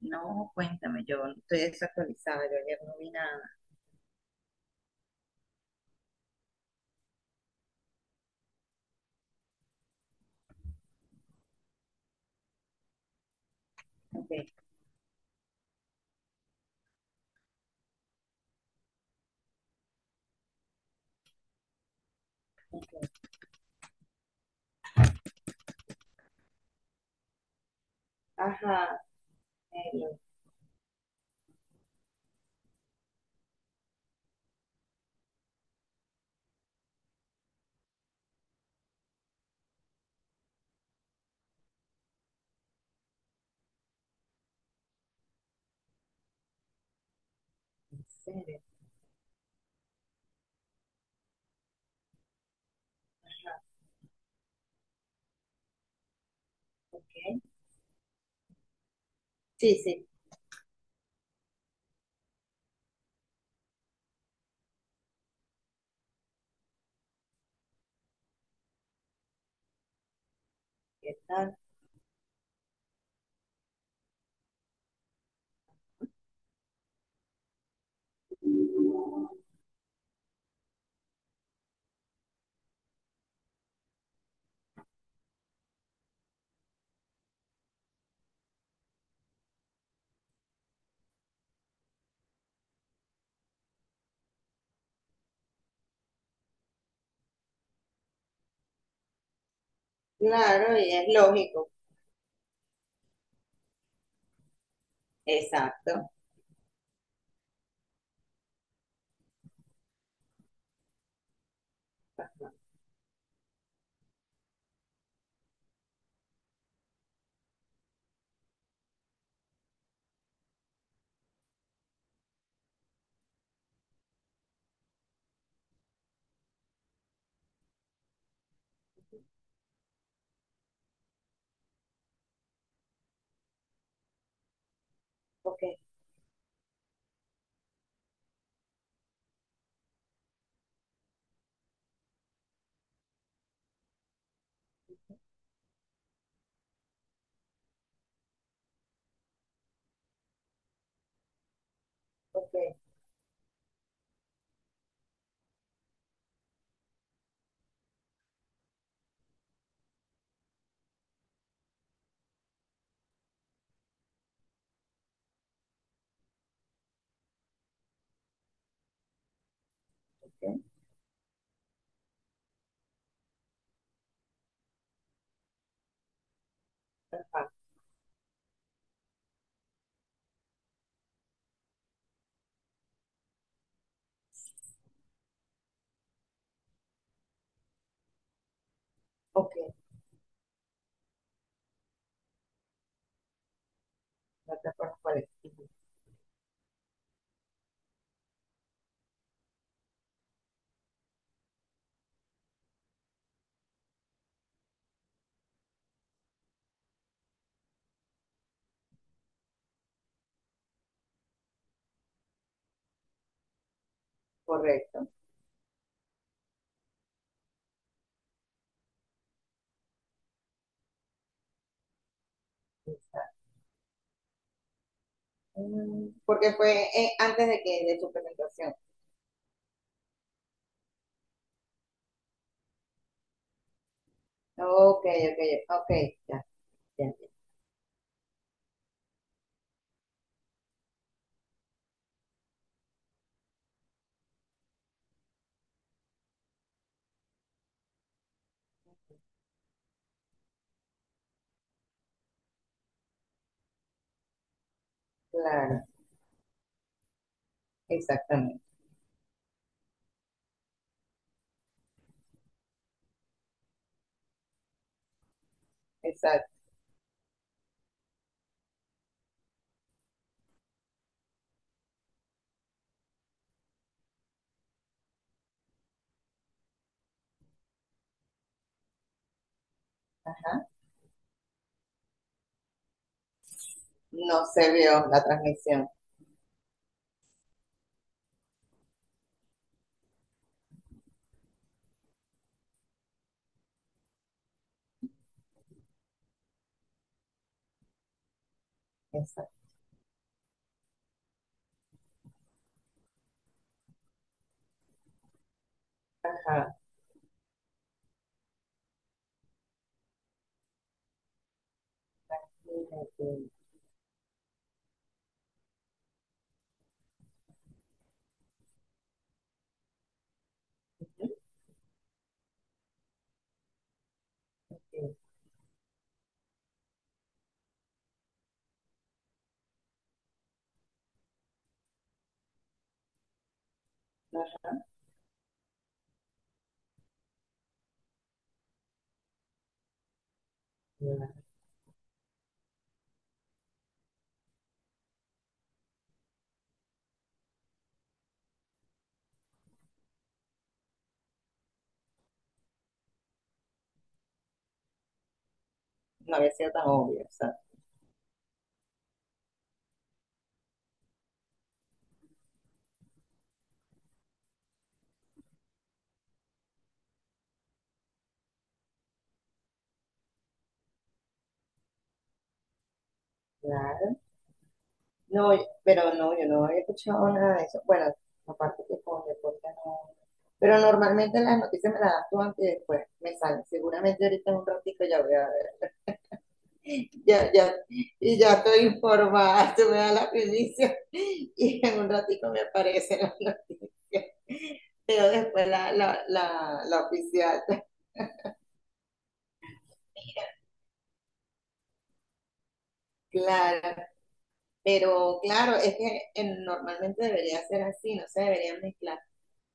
No, cuéntame, yo estoy desactualizada, yo ayer no vi nada. Ok. Ajá, hello, en serio, ok. Sí, sí, ¿qué tal? Claro, y es lógico. Exacto. Ajá. Ok, ok, ok. Ajá, ok, no te acuerdas cuál es. Ujú. Correcto. Exacto. Mm, porque fue antes de que de su presentación. Ok, ok, ok, ya, ya, ya. Claro, exactamente. Exacto. No se vio la transmisión. Exacto. Ajá. Mira que- ujú, que- Ajá. Ya. No había sido tan obvio, exacto. Claro. No, pero no, yo no había escuchado nada de eso. Bueno, aparte que con deporte no. Pero normalmente las noticias me las das tú antes y después me salen. Seguramente ahorita en un ratito ya voy a ver. Ya, ya, y ya estoy informada. Tú me das la primicia y en un ratito me aparecen las noticias. Pero después la oficial. Claro, pero claro, es que normalmente debería ser así, no se deberían mezclar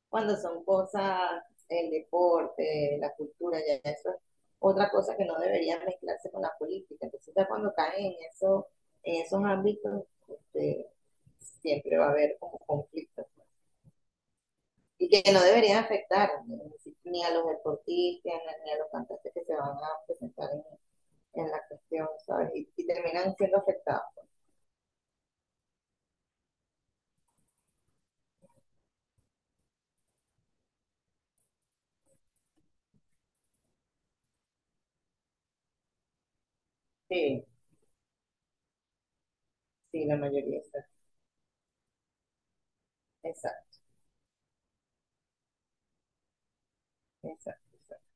cuando son cosas, el deporte, la cultura, ya eso es otra cosa que no debería mezclarse con la política. Entonces ya cuando caen en eso, en esos ámbitos, este, siempre va a haber como conflictos. Y que no deberían afectar, ¿no?, ni a los deportistas, ni a los cantantes que se van a presentar en la cuestión, ¿sabes? Y terminan siendo afectados. Sí, sí, la mayoría está. Exacto. Exacto, exacto.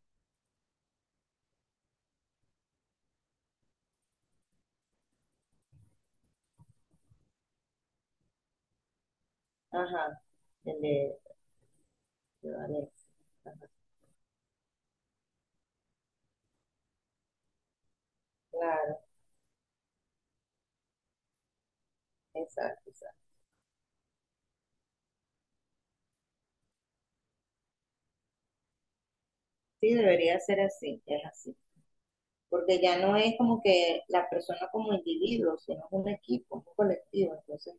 Ajá, el de Valencia. Ajá, claro, exacto, exacto. Sí, debería ser así, es así. Porque ya no es como que la persona como individuo, sino es un equipo, un colectivo. Entonces,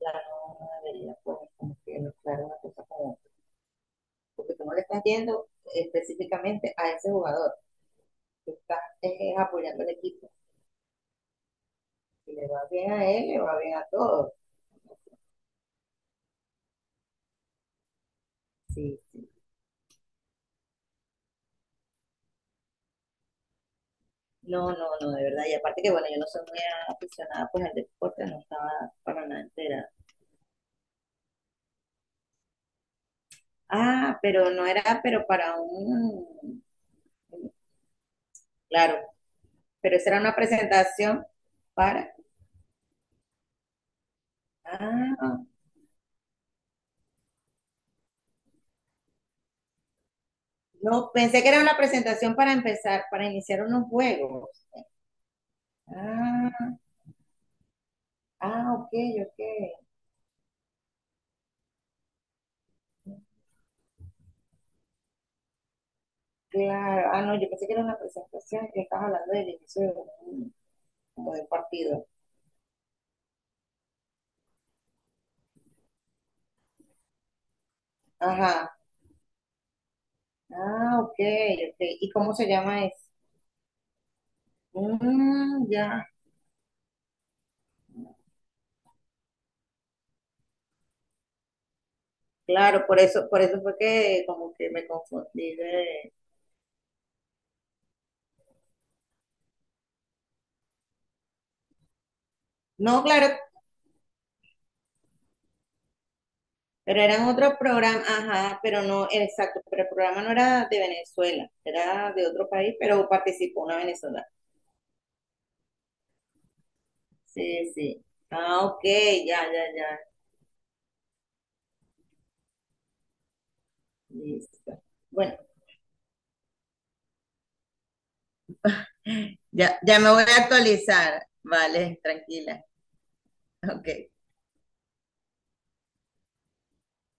ya no, no debería pues, como que mezclar una cosa con otra. Porque tú no le estás yendo específicamente a ese jugador. Tú estás apoyando al equipo. Si le va bien a él, le va bien a todos. Sí, sí. No, no, no, de verdad. Y aparte que, bueno, yo no soy muy aficionada pues al deporte, no estaba para nada enterada. Ah, pero no era, pero para un... Claro, pero esa era una presentación para... Ah, no, pensé que era una presentación para empezar, para iniciar unos juegos. Ah, ah, ok, ok. Claro. Ah, no, yo pensé que era una presentación que estabas hablando del inicio de un, como de un partido. Ajá. Ah, ok, ok. ¿Y cómo se llama eso? Mm, ya, claro, por eso fue que como que me confundí de... No, claro, pero eran otro programa, ajá, pero no, exacto, pero el programa no era de Venezuela, era de otro país, pero participó una venezolana. Sí, sí. Ah, ok, ya, ya, ya. Listo. Bueno, ya, ya me voy a actualizar. Vale, tranquila. Ok.